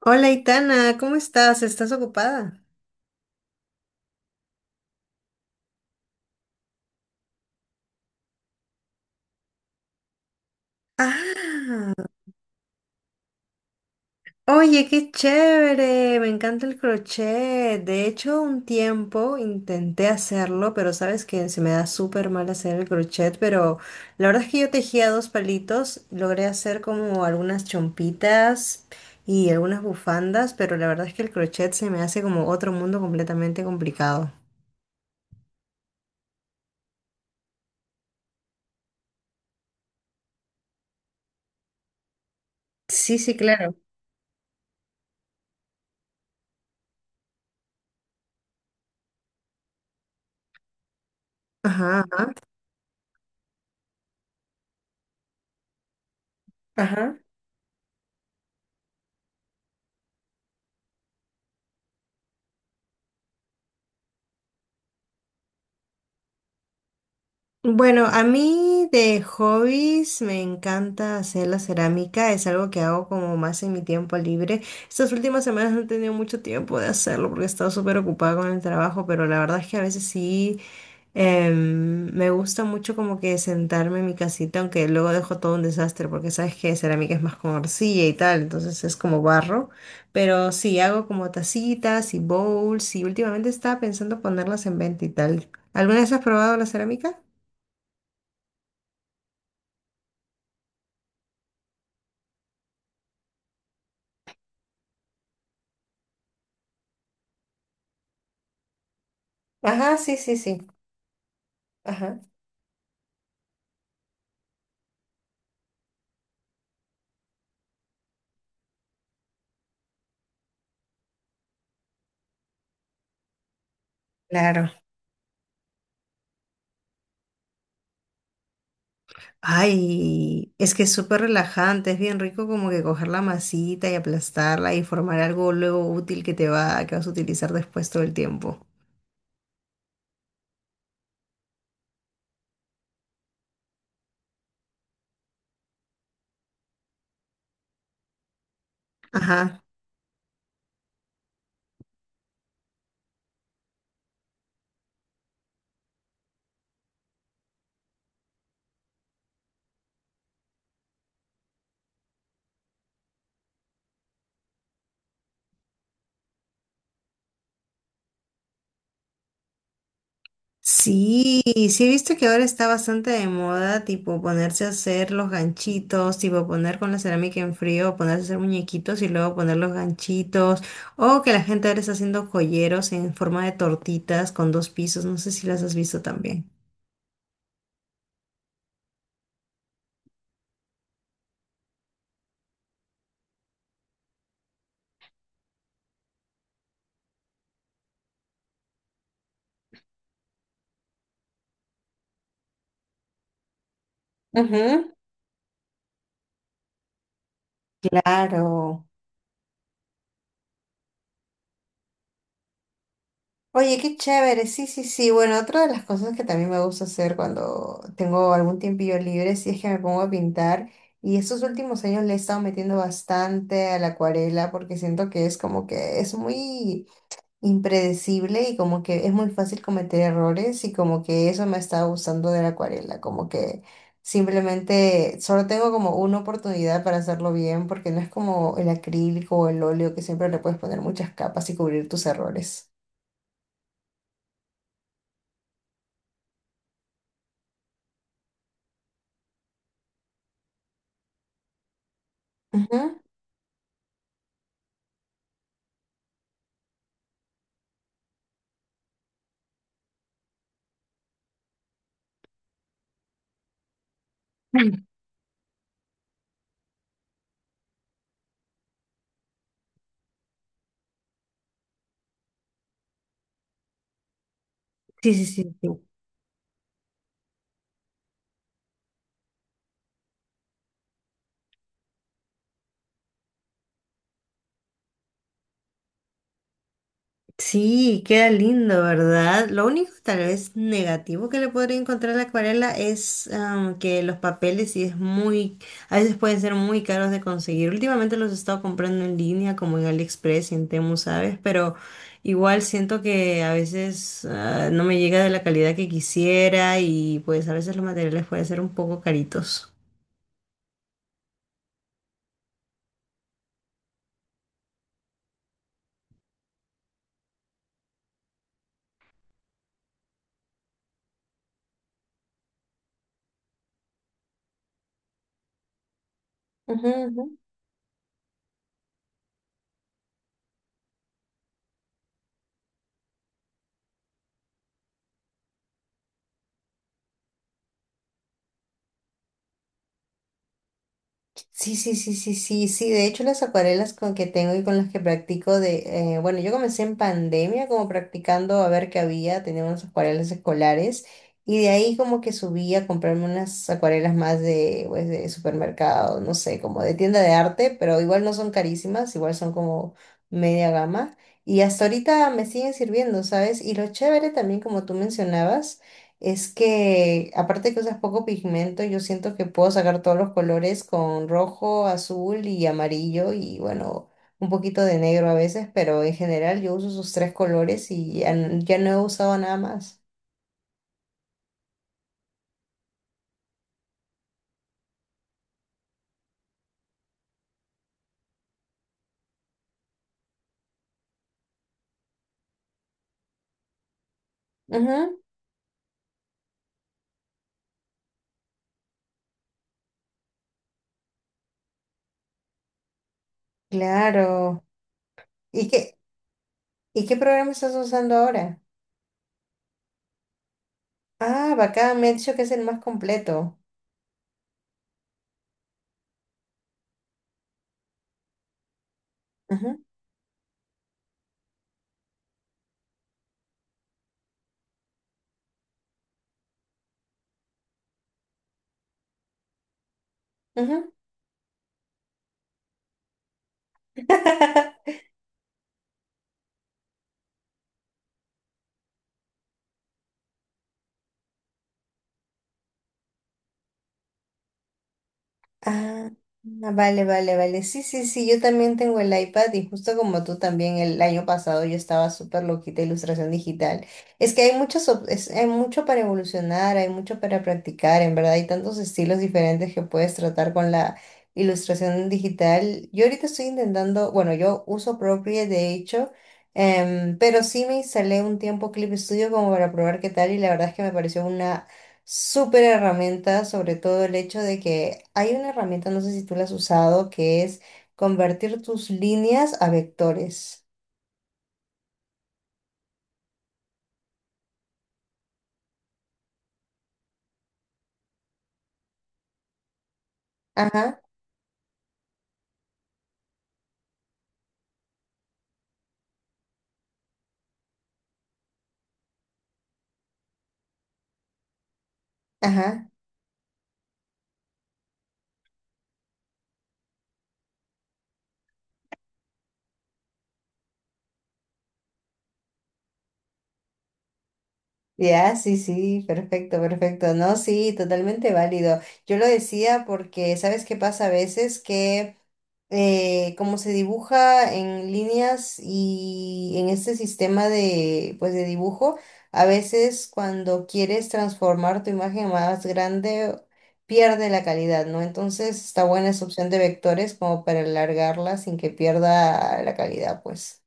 Hola, Itana, ¿cómo estás? ¿Estás ocupada? Ah, oye, qué chévere, me encanta el crochet. De hecho, un tiempo intenté hacerlo, pero sabes que se me da súper mal hacer el crochet, pero la verdad es que yo tejía dos palitos, logré hacer como algunas chompitas y algunas bufandas, pero la verdad es que el crochet se me hace como otro mundo completamente complicado. Sí, sí, claro. Ajá, ajá. Ajá. Bueno, a mí de hobbies me encanta hacer la cerámica, es algo que hago como más en mi tiempo libre. Estas últimas semanas no he tenido mucho tiempo de hacerlo porque he estado súper ocupada con el trabajo, pero la verdad es que a veces sí me gusta mucho como que sentarme en mi casita, aunque luego dejo todo un desastre porque sabes que cerámica es más con arcilla y tal, entonces es como barro. Pero sí, hago como tacitas y bowls y últimamente estaba pensando ponerlas en venta y tal. ¿Alguna vez has probado la cerámica? Ajá, sí, sí, sí. Ajá. Claro. Ay, es que es súper relajante, es bien rico como que coger la masita y aplastarla y formar algo luego útil que te va, que vas a utilizar después todo el tiempo. Ajá. Sí, sí he visto que ahora está bastante de moda, tipo ponerse a hacer los ganchitos, tipo poner con la cerámica en frío, ponerse a hacer muñequitos y luego poner los ganchitos, o que la gente ahora está haciendo joyeros en forma de tortitas con dos pisos, no sé si las has visto también. Claro. Oye, qué chévere. Sí, sí, sí. Bueno, otra de las cosas que también me gusta hacer cuando tengo algún tiempillo libre, sí es que me pongo a pintar. Y estos últimos años le he estado metiendo bastante a la acuarela porque siento que es como que es muy impredecible y como que es muy fácil cometer errores y como que eso me está gustando de la acuarela, como que simplemente solo tengo como una oportunidad para hacerlo bien porque no es como el acrílico o el óleo que siempre le puedes poner muchas capas y cubrir tus errores. Ujú. Sí, sí, sí, sí. Sí, queda lindo, ¿verdad? Lo único tal vez negativo que le podría encontrar a la acuarela es que los papeles sí es muy, a veces pueden ser muy caros de conseguir. Últimamente los he estado comprando en línea, como en AliExpress y en Temu, ¿sabes? Pero igual siento que a veces no me llega de la calidad que quisiera y pues a veces los materiales pueden ser un poco caritos. Ujú, ujú. Sí, sí, sí, sí, sí, sí. De hecho, las acuarelas con que tengo y con las que practico bueno, yo comencé en pandemia como practicando a ver qué había, tenía unas acuarelas escolares y de ahí como que subí a comprarme unas acuarelas más de, pues, de supermercado, no sé, como de tienda de arte, pero igual no son carísimas, igual son como media gama y hasta ahorita me siguen sirviendo, ¿sabes? Y lo chévere también, como tú mencionabas. Es que, aparte que usas poco pigmento, yo siento que puedo sacar todos los colores con rojo, azul y amarillo y bueno, un poquito de negro a veces, pero en general yo uso esos tres colores y ya, ya no he usado nada más. Ujú, claro. ¿Y qué, y qué programa estás usando ahora? Ah, bacán, me ha dicho que es el más completo. Ujú, ujú. Ah, ah, vale, vale, vale. Sí, sí, sí, yo también tengo el iPad y justo como tú también el año pasado yo estaba súper loquita de ilustración digital. Es que hay muchos, hay mucho para evolucionar, hay mucho para practicar, en verdad hay tantos estilos diferentes que puedes tratar con la ilustración digital. Yo ahorita estoy intentando, bueno, yo uso Procreate de hecho, pero sí me instalé un tiempo Clip Studio como para probar qué tal y la verdad es que me pareció una súper herramienta, sobre todo el hecho de que hay una herramienta, no sé si tú la has usado, que es convertir tus líneas a vectores. Ajá, ajá. Ya, sí, sí, perfecto, perfecto. No, sí, totalmente válido. Yo lo decía porque, ¿sabes qué pasa a veces? Que como se dibuja en líneas y en este sistema de, pues, de dibujo, a veces cuando quieres transformar tu imagen más grande, pierde la calidad, ¿no? Entonces está buena esa opción de vectores como para alargarla sin que pierda la calidad, pues.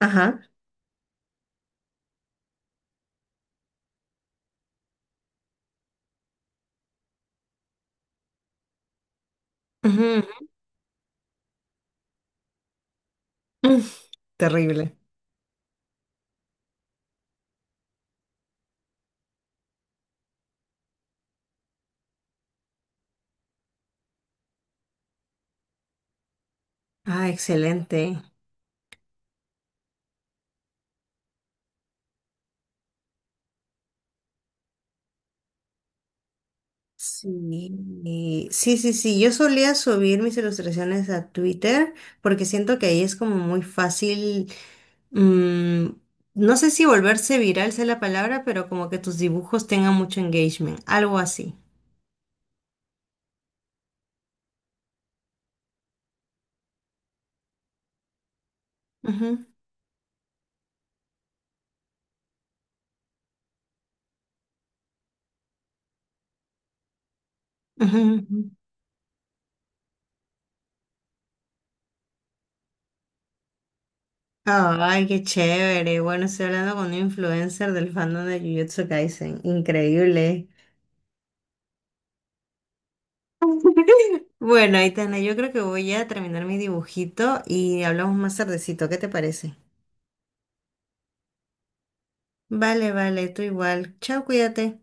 Ajá. Ujú. Mm. Terrible. Ah, excelente. Sí, sí, sí, sí. Yo solía subir mis ilustraciones a Twitter porque siento que ahí es como muy fácil. mm, no sé si volverse viral sea la palabra, pero como que tus dibujos tengan mucho engagement, algo así. Ujú, ujú, ujú. Ay, qué chévere. Bueno, estoy hablando con un influencer del fandom de Jujutsu Kaisen. Increíble. Bueno, Aitana, yo creo que voy a terminar mi dibujito y hablamos más tardecito. ¿Qué te parece? Vale, vale, tú igual. Chao, cuídate.